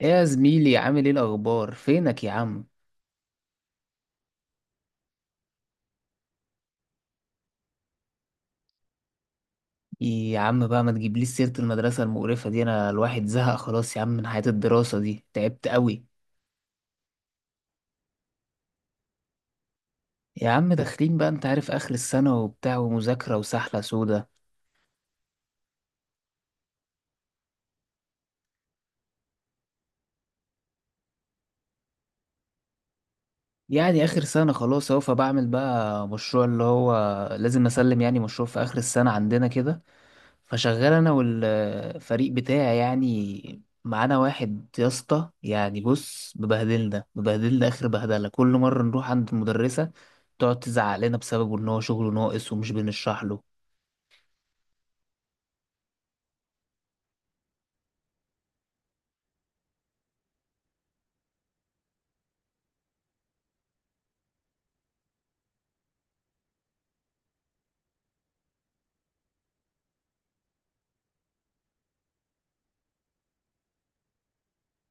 ايه يا زميلي، عامل ايه؟ الاخبار؟ فينك يا عم؟ إيه يا عم بقى، ما تجيبليش سيرة المدرسة المقرفة دي. انا الواحد زهق خلاص يا عم من حياة الدراسة دي، تعبت قوي. يا عم داخلين بقى، انت عارف اخر السنة وبتاع ومذاكرة وسحلة سودة. يعني اخر سنة خلاص اهو، فبعمل بقى مشروع اللي هو لازم اسلم، يعني مشروع في اخر السنة عندنا كده. فشغال انا والفريق بتاعي، يعني معانا واحد يا اسطى، يعني بص، مبهدلنا اخر بهدله، كل مره نروح عند المدرسه تقعد تزعق لنا بسببه ان هو شغله ناقص ومش بنشرح له.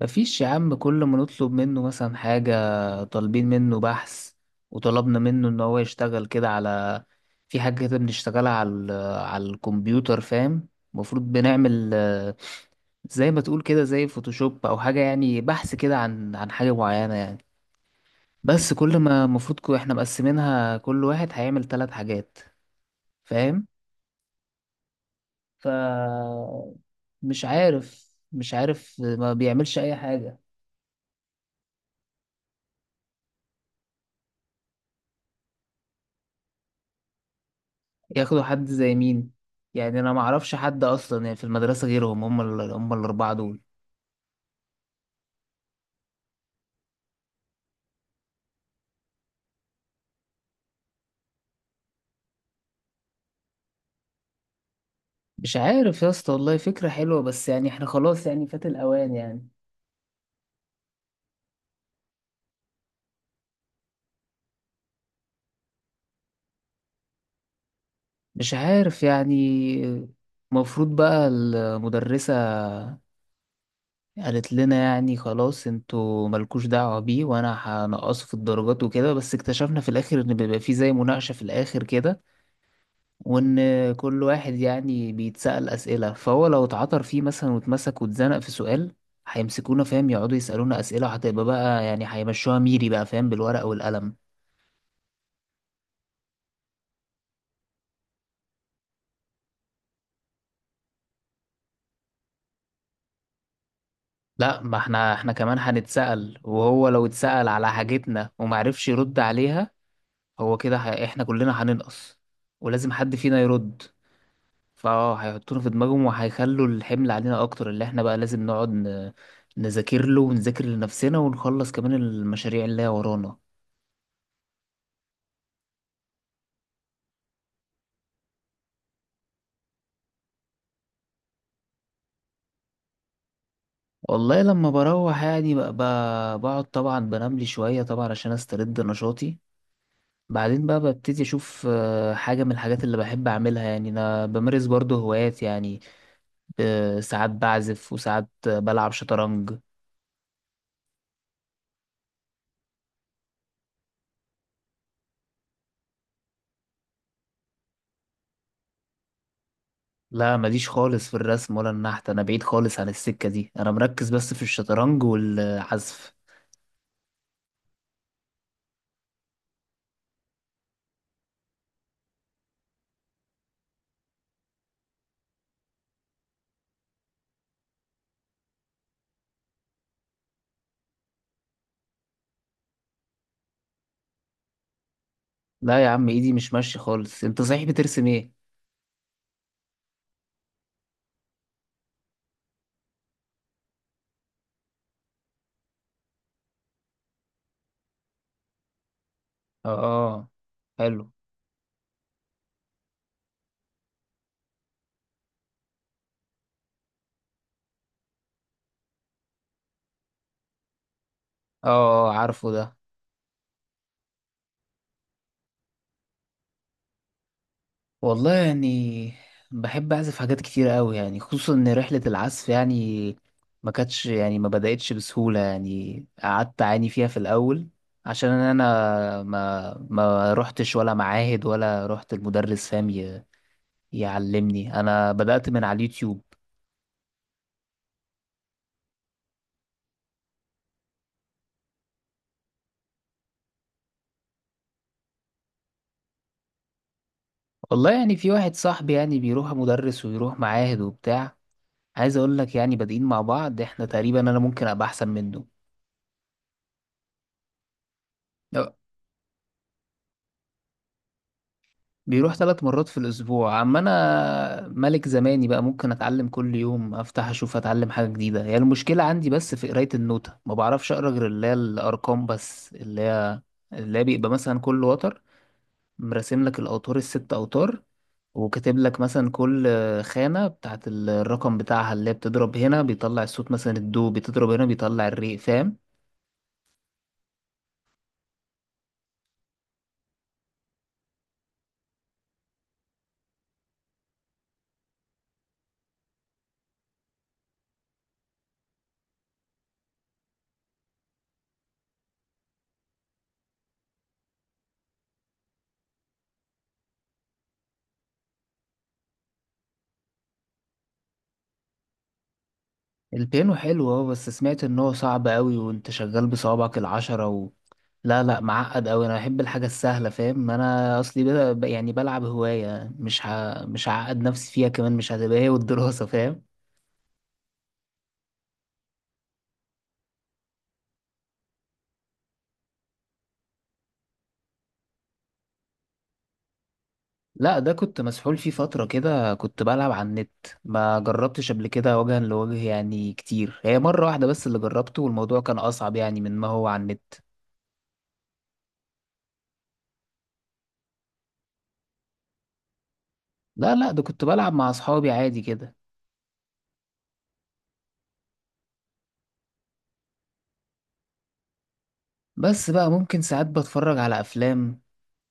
مفيش يا عم، كل ما نطلب منه مثلا حاجه، طالبين منه بحث وطلبنا منه ان هو يشتغل كده على، في حاجه كده بنشتغلها على على الكمبيوتر، فاهم؟ المفروض بنعمل زي ما تقول كده زي فوتوشوب او حاجه، يعني بحث كده عن حاجه معينه يعني. بس كل ما المفروض احنا مقسمينها كل واحد هيعمل 3 حاجات، فاهم؟ ف مش عارف ما بيعملش اي حاجه. ياخدوا حد زي مين؟ يعني انا ما اعرفش حد اصلا يعني في المدرسه غيرهم، هم ال... هم الاربعه دول. مش عارف يا اسطى والله، فكره حلوه بس يعني احنا خلاص يعني فات الاوان يعني. مش عارف يعني. المفروض بقى المدرسه قالت لنا يعني خلاص، انتوا ملكوش دعوة بيه، وانا هنقصه في الدرجات وكده. بس اكتشفنا في الاخر ان بيبقى فيه زي مناقشة في الاخر كده، وان كل واحد يعني بيتسأل اسئلة، فهو لو اتعثر فيه مثلا واتمسك واتزنق في سؤال هيمسكونا، فاهم؟ يقعدوا يسألونا اسئلة، وهتبقى بقى يعني هيمشوها ميري بقى، فاهم؟ بالورقة والقلم. لا، ما احنا كمان هنتسأل، وهو لو اتسأل على حاجتنا ومعرفش يرد عليها، هو كده احنا كلنا هننقص، ولازم حد فينا يرد. فاه، هيحطونا في دماغهم وهيخلوا الحمل علينا اكتر، اللي احنا بقى لازم نقعد نذاكر له ونذاكر لنفسنا ونخلص كمان المشاريع اللي هي ورانا. والله لما بروح يعني بقعد طبعا بنام لي شوية طبعا عشان استرد نشاطي. بعدين بقى ببتدي اشوف حاجة من الحاجات اللي بحب اعملها، يعني انا بمارس برضه هوايات يعني. ساعات بعزف وساعات بلعب شطرنج. لا، ماليش خالص في الرسم ولا النحت، انا بعيد خالص عن السكة دي، انا مركز بس في الشطرنج والعزف. لا يا عم، ايدي مش ماشية خالص. انت صحيح بترسم ايه؟ اه، حلو. اه، عارفه ده. والله يعني بحب اعزف حاجات كتير قوي، يعني خصوصا ان رحلة العزف يعني ما كانتش يعني ما بدأتش بسهولة، يعني قعدت اعاني فيها في الاول. عشان انا ما رحتش ولا معاهد ولا رحت المدرس، فاهم؟ يعلمني. انا بدأت من على اليوتيوب. والله يعني في واحد صاحبي يعني بيروح مدرس ويروح معاهد وبتاع، عايز اقول لك يعني بادئين مع بعض احنا تقريبا، انا ممكن ابقى احسن منه. لو- بيروح 3 مرات في الاسبوع، اما انا ملك زماني بقى، ممكن اتعلم كل يوم، افتح اشوف اتعلم حاجه جديده. هي المشكله عندي بس في قرايه النوتة، ما بعرفش اقرا غير اللي هي الارقام بس، اللي هي اللي هي بيبقى مثلا كل وتر مرسم لك، الاوتار ال6 اوتار، وكاتب لك مثلا كل خانة بتاعت الرقم بتاعها، اللي هي بتضرب هنا بيطلع الصوت مثلا الدو، بتضرب هنا بيطلع الري، فاهم؟ البيانو حلو اه، بس سمعت ان هو صعب قوي وانت شغال بصوابعك العشرة و... لا لا، معقد قوي. انا بحب الحاجة السهلة، فاهم؟ انا اصلي بدا يعني بلعب هواية، مش مش هعقد نفسي فيها كمان، مش هتبقى هي والدراسة، فاهم؟ لا، ده كنت مسحول فيه فترة كده، كنت بلعب على النت. ما جربتش قبل كده وجها لوجه يعني كتير، هي مرة واحدة بس اللي جربته، والموضوع كان اصعب يعني من ما هو على النت. لا لا، ده كنت بلعب مع اصحابي عادي كده. بس بقى ممكن ساعات بتفرج على افلام.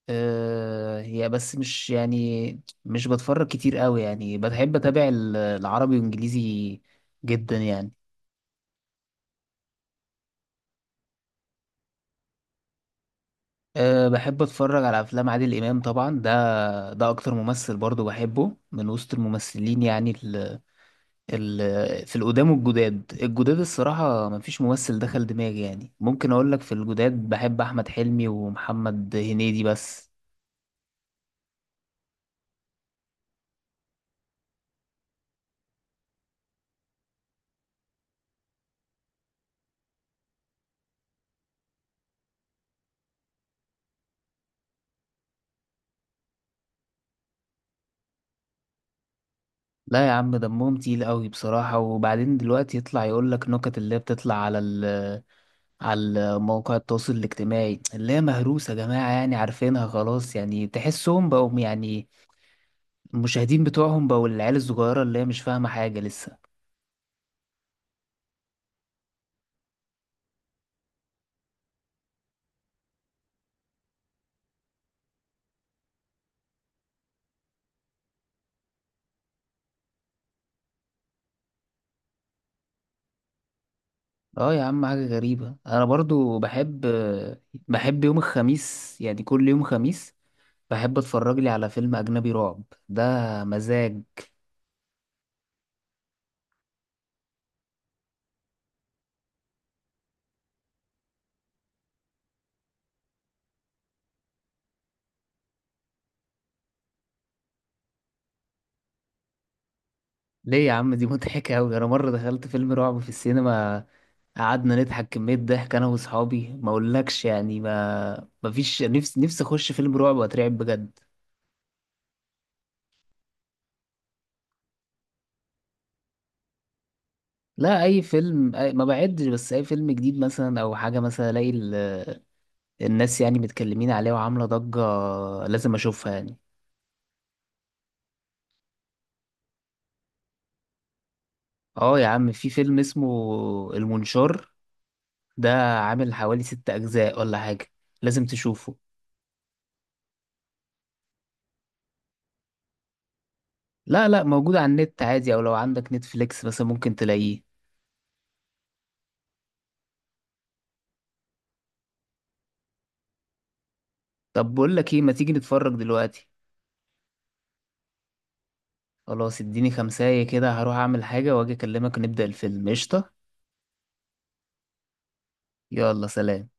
هي بس مش يعني مش بتفرج كتير قوي، يعني بحب اتابع العربي وانجليزي جدا يعني. أه، بحب اتفرج على افلام عادل امام طبعا، ده ده اكتر ممثل برضو بحبه من وسط الممثلين. يعني ال في القدام، والجداد، الصراحة مفيش ممثل دخل دماغي. يعني ممكن اقول لك في الجداد بحب احمد حلمي ومحمد هنيدي بس. لا يا عم، دمهم تقيل قوي بصراحة، وبعدين دلوقتي يطلع يقول لك نكت اللي هي بتطلع على على مواقع التواصل الاجتماعي، اللي هي مهروسة يا جماعة يعني، عارفينها خلاص يعني. تحسهم بقوا يعني المشاهدين بتوعهم بقوا العيال الصغيرة اللي هي مش فاهمة حاجة لسه. اه يا عم، حاجة غريبة. انا برضو بحب يوم الخميس، يعني كل يوم خميس بحب اتفرج لي على فيلم اجنبي رعب، ده مزاج. ليه يا عم؟ دي مضحكة أوي. أنا مرة دخلت فيلم رعب في السينما، قعدنا نضحك كمية ضحك أنا وأصحابي ما أقولكش يعني. ما فيش نفسي أخش فيلم رعب وأترعب بجد. لا أي فيلم ما بعدش، بس أي فيلم جديد مثلا أو حاجة مثلا ألاقي الناس يعني متكلمين عليه وعاملة ضجة، لازم أشوفها يعني. أه يا عم، في فيلم اسمه المنشار، ده عامل حوالي 6 أجزاء ولا حاجة، لازم تشوفه. لا لا، موجود على النت عادي، أو لو عندك نتفليكس مثلا ممكن تلاقيه. طب بقول لك ايه، ما تيجي نتفرج دلوقتي؟ خلاص، اديني خمساية كده، هروح اعمل حاجة واجي اكلمك نبدأ الفيلم، قشطة. يلا سلام.